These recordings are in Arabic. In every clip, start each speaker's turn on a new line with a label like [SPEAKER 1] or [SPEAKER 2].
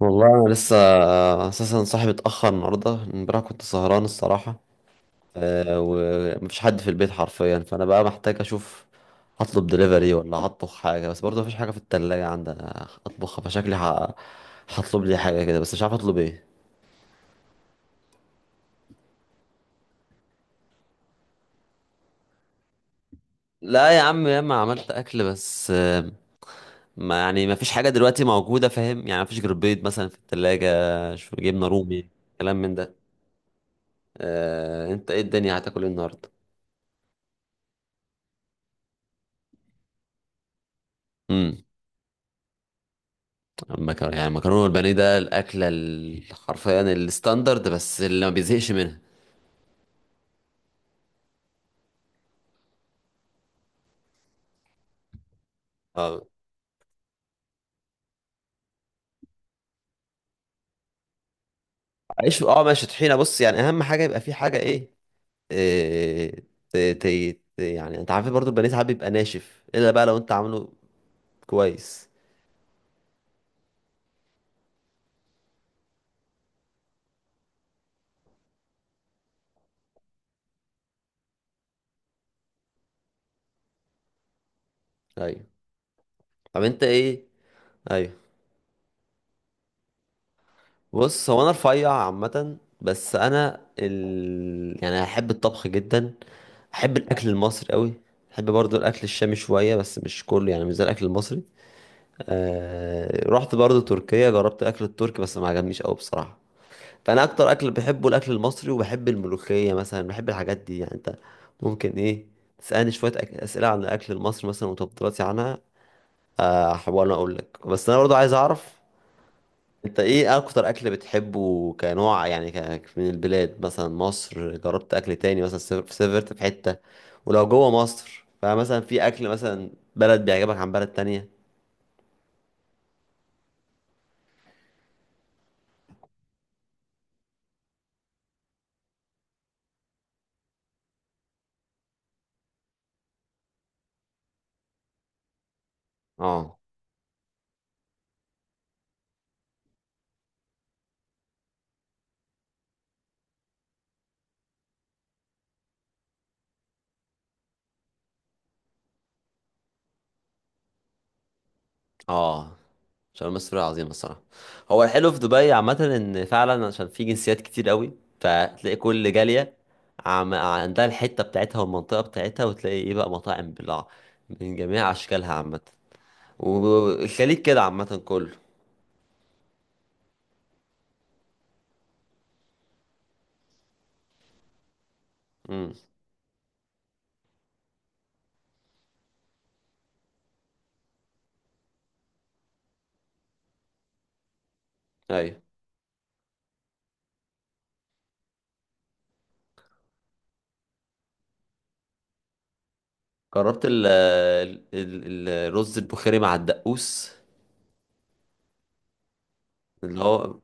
[SPEAKER 1] والله انا لسه اساسا صاحبي اتاخر النهارده، امبارح كنت سهران الصراحه. ومفيش حد في البيت حرفيا، فانا بقى محتاج اشوف هطلب دليفري ولا هطبخ حاجه، بس برضه مفيش حاجه في التلاجة عندي أنا اطبخها، فشكلي هطلب لي حاجه كده، بس مش عارف اطلب ايه. لا يا عم، ياما عملت اكل، بس ما يعني مفيش حاجه دلوقتي موجوده، فاهم؟ يعني مفيش غير بيض مثلا في التلاجة، شو، جبنه رومي، كلام من ده. انت ايه؟ الدنيا هتاكل ايه النهارده؟ المكرونه، يعني المكرونه والبانيه، ده الاكله حرفيا الستاندرد، بس اللي ما بيزهقش منها. اه، عيش، اه، ماشي، طحينه، بص يعني اهم حاجه يبقى في حاجه ايه, إيه. ت... ت... يعني انت عارف برضو البانيه ساعات بيبقى ناشف، الا بقى لو انت عامله كويس. ايوه. طب انت ايه؟ ايوه. بص، هو انا رفيع عامه، بس انا يعني احب الطبخ جدا. احب الاكل المصري قوي. احب برضو الاكل الشامي شويه، بس مش كله، يعني مش زي الاكل المصري. رحت برضو تركيا، جربت الاكل التركي، بس ما عجبنيش قوي بصراحه. فانا اكتر اكل بحبه الاكل المصري، وبحب الملوخيه مثلا، بحب الحاجات دي. يعني انت ممكن ايه تسالني شويه اسئله عن الاكل المصري مثلا وتفضيلاتي عنها. احاول اقول لك، بس انا برضو عايز اعرف انت ايه اكتر اكل بتحبه كنوع؟ يعني من البلاد، مثلا مصر، جربت اكل تاني مثلا؟ سافرت في حته؟ ولو جوه مصر، فمثلا في اكل مثلا بلد بيعجبك عن بلد تانية؟ اه، اه، عشان المسؤولية عظيمة الصراحة. هو الحلو في دبي عامة ان فعلا عشان في جنسيات كتير قوي، فتلاقي كل جالية عندها الحتة بتاعتها والمنطقة بتاعتها، وتلاقي ايه بقى، مطاعم بلع من جميع اشكالها عامة. والخليج كده عامة كله. امم. ايوه، جربت الرز البخاري مع الدقوس. اللي هو،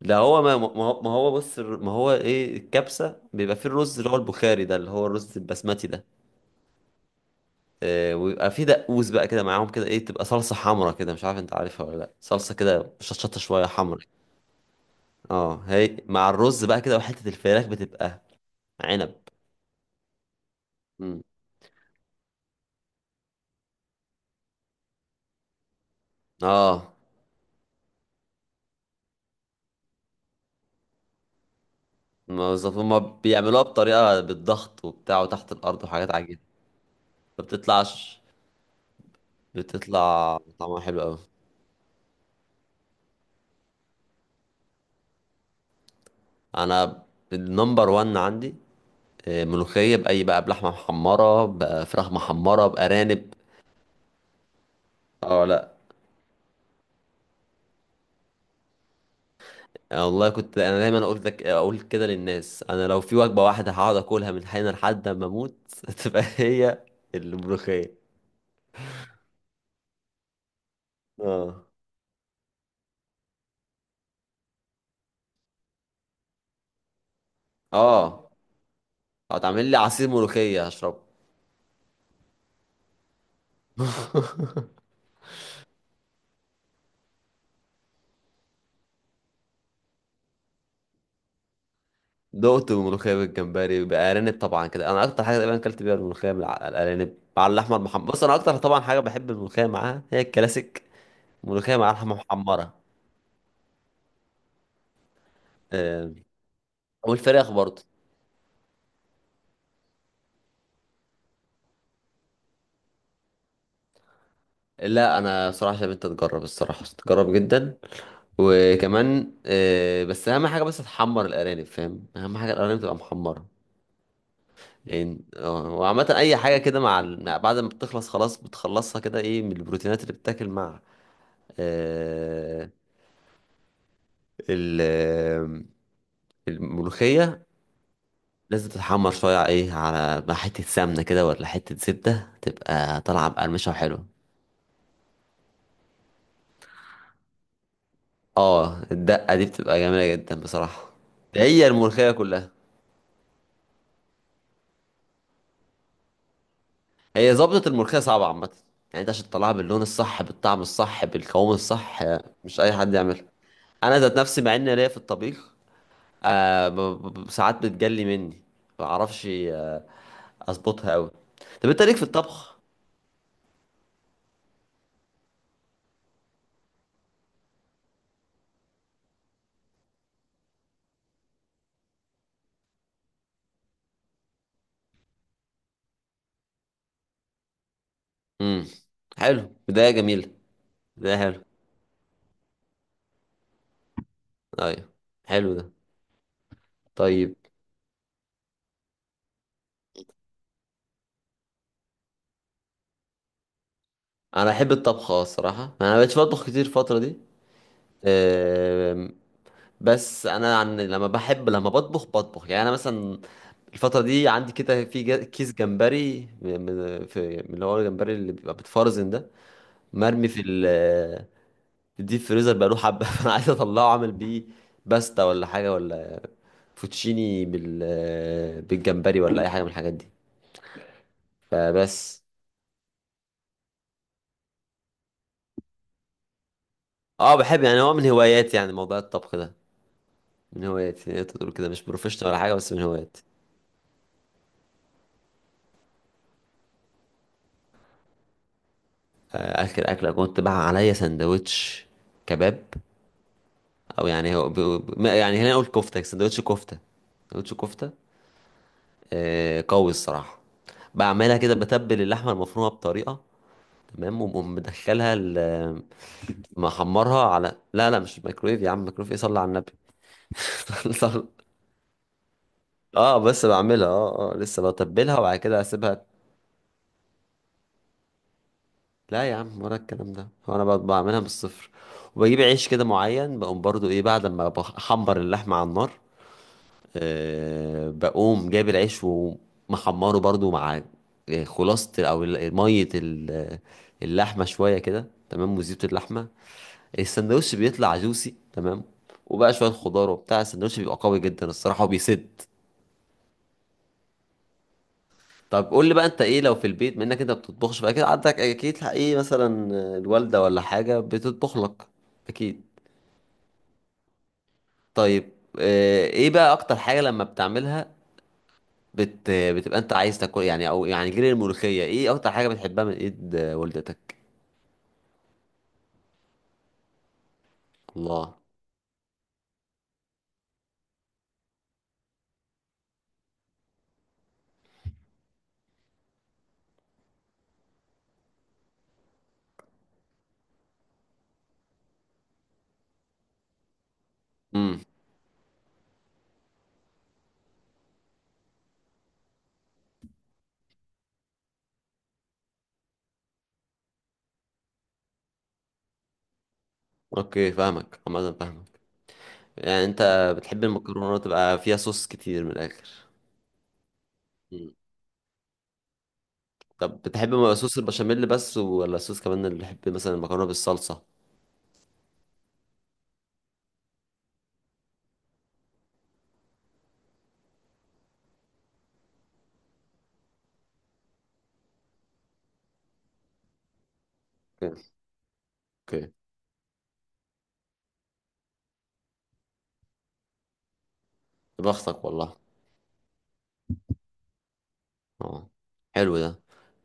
[SPEAKER 1] ده هو، ما هو، ما هو، بص، ما هو ايه الكبسة، بيبقى فيه الرز اللي هو البخاري ده، اللي هو الرز البسمتي ده. ويبقى في دقوس بقى كده معاهم كده، ايه، تبقى صلصة حمرا كده، مش عارف انت عارفها ولا لا، صلصة كده شطشطة شوية حمرا. اه، هي مع الرز بقى كده وحتة الفراخ بتبقى عنب. مم. اه، ما بالظبط هما بيعملوها بطريقة بالضغط وبتاع، وتحت الأرض وحاجات عجيبة. ما بتطلعش، بتطلع طعمها حلو أوي. أنا النمبر وان عندي ملوخية، بأي بقى، بلحمة محمرة، بفراخ محمرة، بأرانب. اه، لا. أنا والله كنت انا دايما اقول لك، اقول كده للناس، انا لو في وجبه واحده هقعد اكلها من حين لحد ما اموت تبقى هي الملوخيه. اه، اه، هتعمل لي عصير ملوخيه هشربه. دقت ملوخيه بالجمبري، بارانب طبعا، كده انا اكتر حاجه تقريبا اكلت بيها الملوخيه مع الارانب مع اللحمه المحمره. بص انا اكتر طبعا حاجه بحب الملوخيه معاها هي الكلاسيك، ملوخيه مع لحمه محمره. آه، والفراخ برضه. لا، انا صراحه شايف انت تجرب، الصراحه تجرب جدا. وكمان بس اهم حاجه بس تحمر الارانب، فاهم؟ اهم حاجه الارانب تبقى محمره. يعني اه، وعامه اي حاجه كده مع بعد ما بتخلص خلاص، بتخلصها كده ايه من البروتينات اللي بتتاكل مع آه، ال- آه، الملوخيه. لازم تتحمر شويه ايه، على مع حته سمنه كده، ولا حته زبده، تبقى طالعه بقرمشه وحلوه. اه، الدقه دي بتبقى جميله جدا بصراحه. هي الملوخيه كلها. هي ظبطة الملوخية صعبة عامة. يعني انت عشان تطلعها باللون الصح بالطعم الصح بالقوام الصح، مش اي حد يعملها. انا ذات نفسي مع اني ليا في الطبيخ، آه ب- ساعات بتجلي مني. ما بعرفش اظبطها قوي. طب انت ليك في الطبخ؟ امم. حلو، بداية جميلة. بداية حلوة. ايوه، حلو ده. طيب. انا احب الطبخ، اه الصراحة انا مبقتش بطبخ كتير الفترة دي. آم، بس انا عن لما بحب، لما بطبخ بطبخ، يعني انا مثلا الفترة دي عندي كده في كيس جمبري، في من اللي هو الجمبري اللي بيبقى بيتفرزن ده، مرمي في الديب فريزر بقاله حبة فأنا عايز أطلعه، أعمل بيه باستا ولا حاجة، ولا فوتشيني بالجمبري، ولا أي حاجة من الحاجات دي فبس. اه، بحب يعني، هو من هواياتي يعني، موضوع الطبخ ده من هواياتي يعني. تقدر تقول كده مش بروفيشنال ولا حاجة، بس من هواياتي. آه، آخر أكلة كنت بقى عليا سندوتش كباب، أو يعني هو يعني هنا نقول كفتة، سندوتش كفتة. سندوتش كفتة قوي الصراحة. بعملها كده، بتبل اللحمة المفرومة بطريقة تمام، وبقوم مدخلها محمرها على، لا لا مش ميكرويف يا عم، ميكرويف ايه، صلي على النبي. صلي- اه، بس بعملها، اه، اه، لسه بتبلها وبعد كده اسيبها. لا يا عم، ولا الكلام ده، هو انا بعملها من الصفر، وبجيب عيش كده معين، بقوم برضو ايه بعد ما بحمر اللحمة على النار، بقوم جايب العيش ومحمره برضو مع خلاصة، او مية اللحمة شوية كده تمام، وزيت اللحمة. السندوتش بيطلع جوسي تمام، وبقى شوية خضار وبتاع، السندوتش بيبقى قوي جدا الصراحة وبيسد. طب قول لي بقى انت ايه لو في البيت منك، انت بتطبخش بقى كده؟ عندك اكيد ايه، مثلا الوالدة ولا حاجة بتطبخ لك. اكيد. طيب. ايه بقى اكتر حاجة لما بتعملها بتبقى انت عايز تاكل يعني؟ او يعني غير الملوخية ايه اكتر حاجة بتحبها من ايد والدتك؟ الله. امم. اوكي، فاهمك عامة، فاهمك. يعني انت بتحب المكرونة تبقى فيها صوص كتير من الاخر. مم. طب بتحب صوص البشاميل بس، ولا الصوص كمان، اللي بيحب مثلا المكرونة بالصلصة؟ اوكي، اوكي. بختك والله. اه، حلو ده.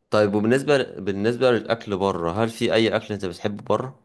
[SPEAKER 1] طيب، وبالنسبة للأكل بره، هل في أي أكل أنت بتحبه بره؟